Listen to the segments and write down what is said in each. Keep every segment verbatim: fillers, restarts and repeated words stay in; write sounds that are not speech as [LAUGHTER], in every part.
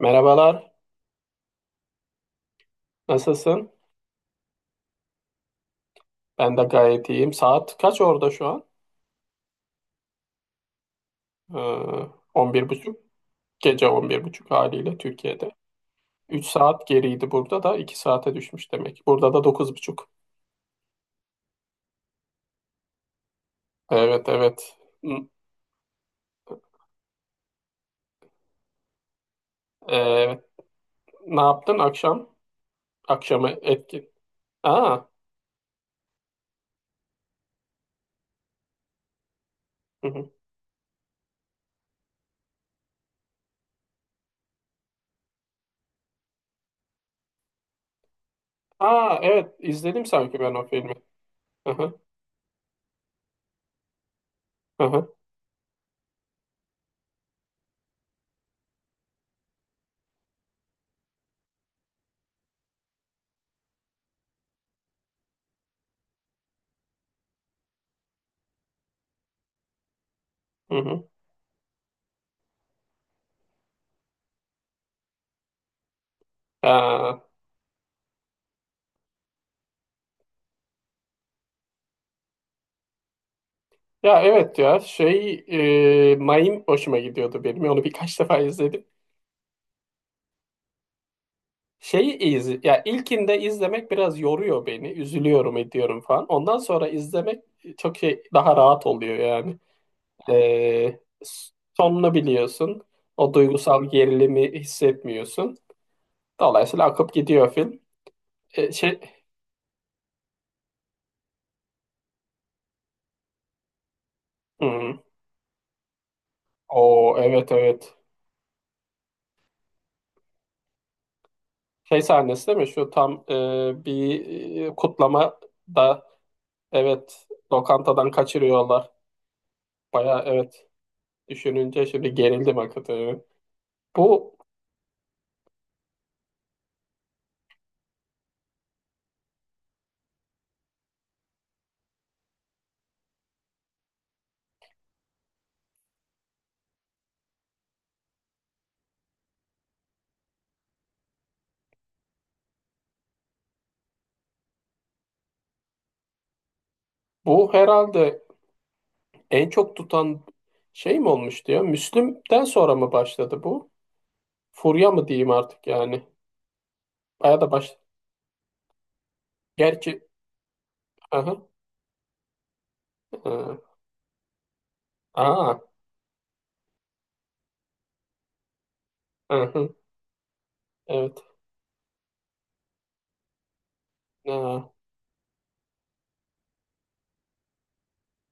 Merhabalar, nasılsın? Ben de gayet iyiyim. Saat kaç orada şu an? Ee, On bir buçuk, gece on bir buçuk haliyle Türkiye'de. üç saat geriydi, burada da iki saate düşmüş demek. Burada da dokuz buçuk. Evet, evet. N- Evet. Ne yaptın akşam? Akşamı etkin. Aa, hı hı. Aa, evet izledim sanki ben o filmi. Hı hı, hı hı, hı hı. Aa, ya evet, ya şey, e, Mayim hoşuma gidiyordu benim. Onu birkaç [LAUGHS] defa izledim. Şeyi iz Ya ilkinde izlemek biraz yoruyor beni. Üzülüyorum, ediyorum falan. Ondan sonra izlemek çok şey, daha rahat oluyor yani. Ee, Sonunu biliyorsun. O duygusal gerilimi hissetmiyorsun. Dolayısıyla akıp gidiyor film. Ee, şey, hmm. O, evet evet. Şey sahnesi değil mi? Şu tam e, bir e, kutlama da, evet, lokantadan kaçırıyorlar. Baya evet, düşününce şimdi gerildim hakikaten. Bu bu herhalde en çok tutan şey mi olmuştu ya? Müslüm'den sonra mı başladı bu? Furya mı diyeyim artık yani? Baya da baş. Gerçi aha, aha, aa, aha, evet. Aa.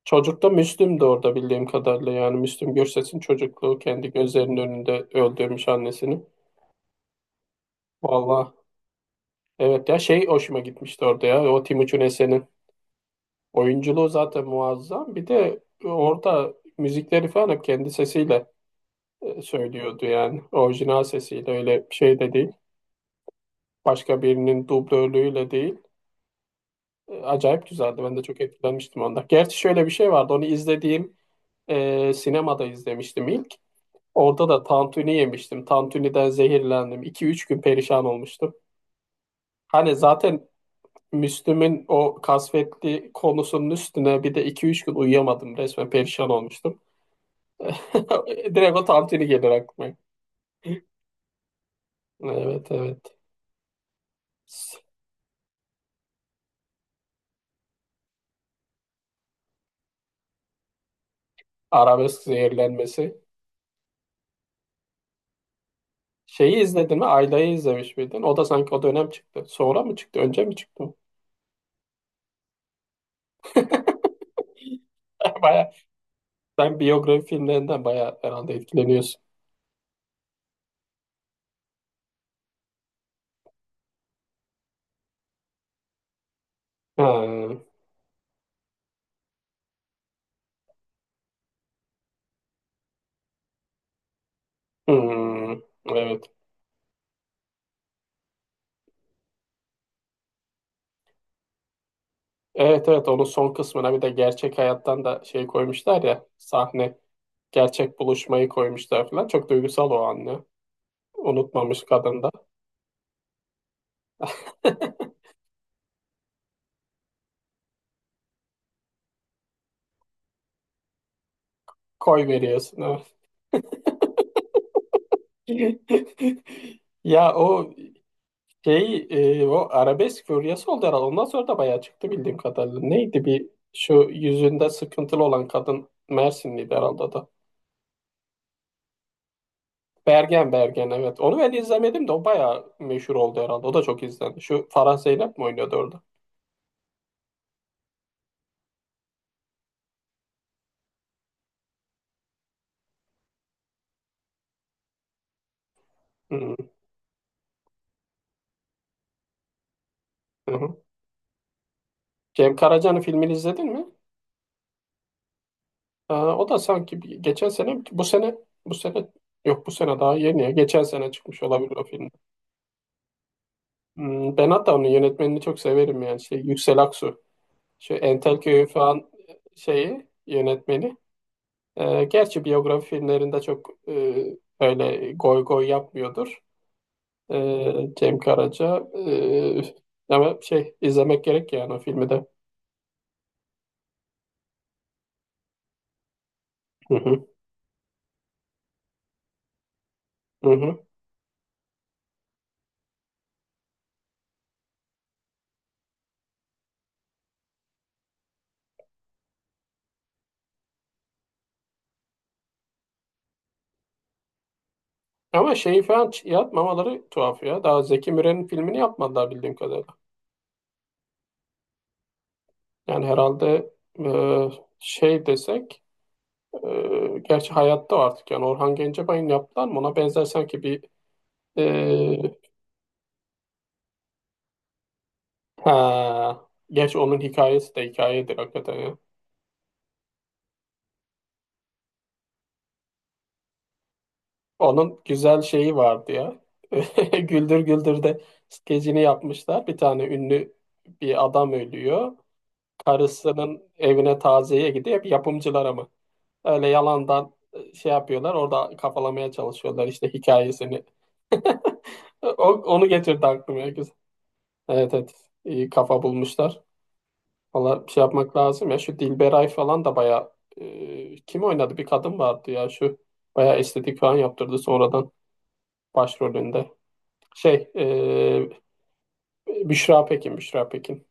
Çocukta Müslüm de orada, bildiğim kadarıyla, yani Müslüm Gürses'in çocukluğu kendi gözlerinin önünde öldürmüş annesini. Valla evet, ya şey, hoşuma gitmişti orada ya o Timuçin Esen'in oyunculuğu zaten muazzam, bir de orada müzikleri falan hep kendi sesiyle e, söylüyordu yani. Orijinal sesiyle, öyle bir şey de değil. Başka birinin dublörlüğüyle değil. E, Acayip güzeldi. Ben de çok etkilenmiştim ondan. Gerçi şöyle bir şey vardı. Onu izlediğim, e, sinemada izlemiştim ilk. Orada da tantuni yemiştim. Tantuni'den zehirlendim. İki üç gün perişan olmuştum. Hani zaten Müslüm'ün o kasvetli konusunun üstüne bir de iki üç gün uyuyamadım. Resmen perişan olmuştum. [LAUGHS] Direkt o tantuni gelir aklıma. Evet evet. Arabesk zehirlenmesi. Şeyi izledin mi? Ayla'yı izlemiş miydin? O da sanki o dönem çıktı. Sonra mı çıktı? Önce mi çıktı? [LAUGHS] Baya, sen biyografi filmlerinden baya herhalde etkileniyorsun. Ha, hmm, evet. Evet evet, onun son kısmına bir de gerçek hayattan da şey koymuşlar ya, sahne, gerçek buluşmayı koymuşlar falan. Çok duygusal o anne. Unutmamış kadın da. Koy veriyorsun. Evet. [LAUGHS] Ya o şey, e, o arabesk furyası oldu herhalde. Ondan sonra da bayağı çıktı bildiğim kadarıyla. Neydi, bir şu yüzünde sıkıntılı olan kadın, Mersinliydi herhalde o da. Bergen Bergen, evet. Onu ben izlemedim de o bayağı meşhur oldu herhalde. O da çok izlendi. Şu Farah Zeynep mi oynuyordu orada? Hı hı. Cem Karaca'nın filmini izledin mi? Aa, o da sanki bir- geçen sene, bu sene, bu sene yok, bu sene daha yeni ya. Geçen sene çıkmış olabilir o film. Hmm, ben hatta onun yönetmenini çok severim yani. Şey, Yüksel Aksu. Şu Entelköy'ün falan e, şeyi yönetmeni. Ee, gerçi biyografi filmlerinde çok e, öyle goy goy yapmıyordur. Ee, Cem Karaca. Ee, ama şey izlemek gerek yani o filmi de. Hı hı, hı hı. Ama şeyi falan ç- yapmamaları tuhaf ya. Daha Zeki Müren'in filmini yapmadılar bildiğim kadarıyla. Yani herhalde, e, şey desek, e, gerçi hayatta o artık yani, Orhan Gencebay'ın yaptılar mı, ona benzer sanki bir e, ha. Geç, onun hikayesi de hikayedir hakikaten ya. Onun güzel şeyi vardı ya. [LAUGHS] Güldür Güldür'de skecini yapmışlar. Bir tane ünlü bir adam ölüyor. Karısının evine taziyeye gidiyor. Bir yapımcılara mı? Öyle yalandan şey yapıyorlar. Orada kafalamaya çalışıyorlar işte hikayesini. O, onu getirdi aklıma. Güzel. Evet evet. İyi kafa bulmuşlar. Valla şey yapmak lazım ya, şu Dilberay falan da baya, kim oynadı, bir kadın vardı ya şu, baya estetik falan yaptırdı sonradan, başrolünde. Şey, e, Büşra Pekin, Büşra Pekin.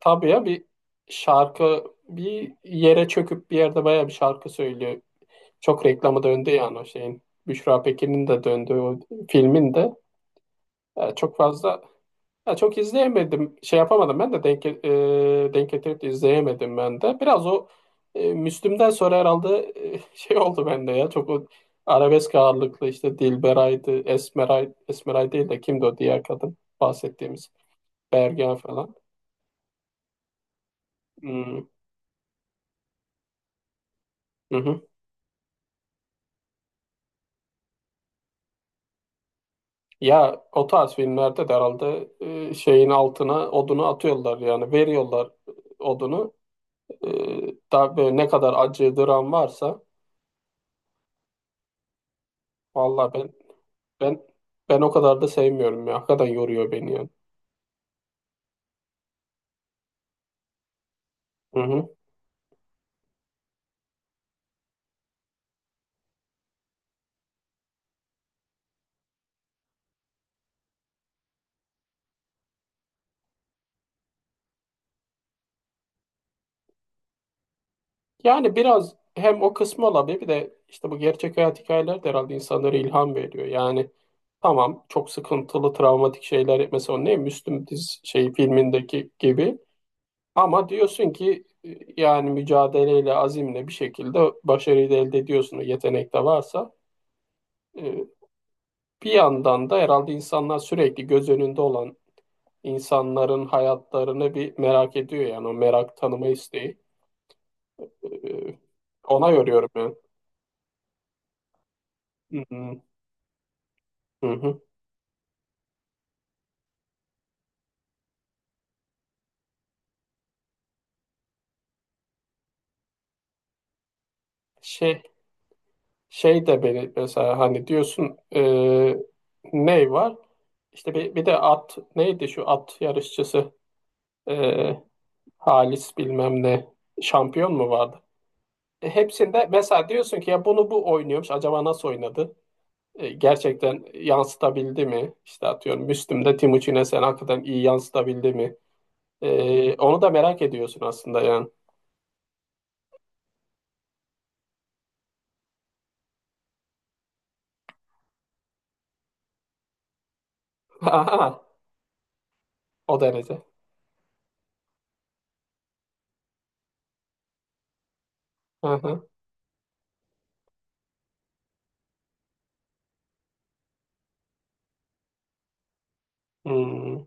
Tabii ya, bir şarkı bir yere çöküp bir yerde baya bir şarkı söylüyor. Çok reklamı döndü yani o şeyin. Büşra Pekin'in de döndüğü o filmin de e, çok fazla. Ya çok izleyemedim. Şey yapamadım ben de denk, e, denk getirip de izleyemedim ben de. Biraz o, e, Müslüm'den sonra herhalde, e, [LAUGHS] şey oldu bende ya. Çok o arabesk ağırlıklı işte Dilberay'dı, Esmeray, Esmeray değil de kimdi o diğer kadın bahsettiğimiz. Bergen falan. Hmm, hı hı. Ya o tarz filmlerde de herhalde, e, şeyin altına odunu atıyorlar, yani veriyorlar odunu. E, Daha böyle ne kadar acı dram varsa, vallahi ben. Ben ben o kadar da sevmiyorum ya. Hakikaten yoruyor beni yani. Hı hı. Yani biraz hem o kısmı olabilir, bir de işte bu gerçek hayat hikayeler de herhalde insanlara ilham veriyor. Yani tamam, çok sıkıntılı, travmatik şeyler, mesela o ne Müslüm diz şey filmindeki gibi, ama diyorsun ki e, yani mücadeleyle, azimle bir şekilde başarıyı da elde ediyorsun. Yetenek de varsa, E, bir yandan da herhalde insanlar sürekli göz önünde olan insanların hayatlarını bir merak ediyor yani, o merak tanıma isteği. Ee, Ona yoruyorum yani. Hı hı. Hı hı. Şey şey de beni, mesela hani diyorsun, e, ne var? İşte bir, bir de at neydi şu at yarışçısı. E, Halis bilmem ne şampiyon mu vardı? E, hepsinde mesela diyorsun ki ya, bunu bu oynuyormuş, acaba nasıl oynadı? E, gerçekten yansıtabildi mi? İşte atıyorum, Müslüm'de Timuçin'e sen, hakikaten iyi yansıtabildi mi? Ee, onu da merak ediyorsun aslında yani. [LAUGHS] Aha, o derece. Aha. Hmm.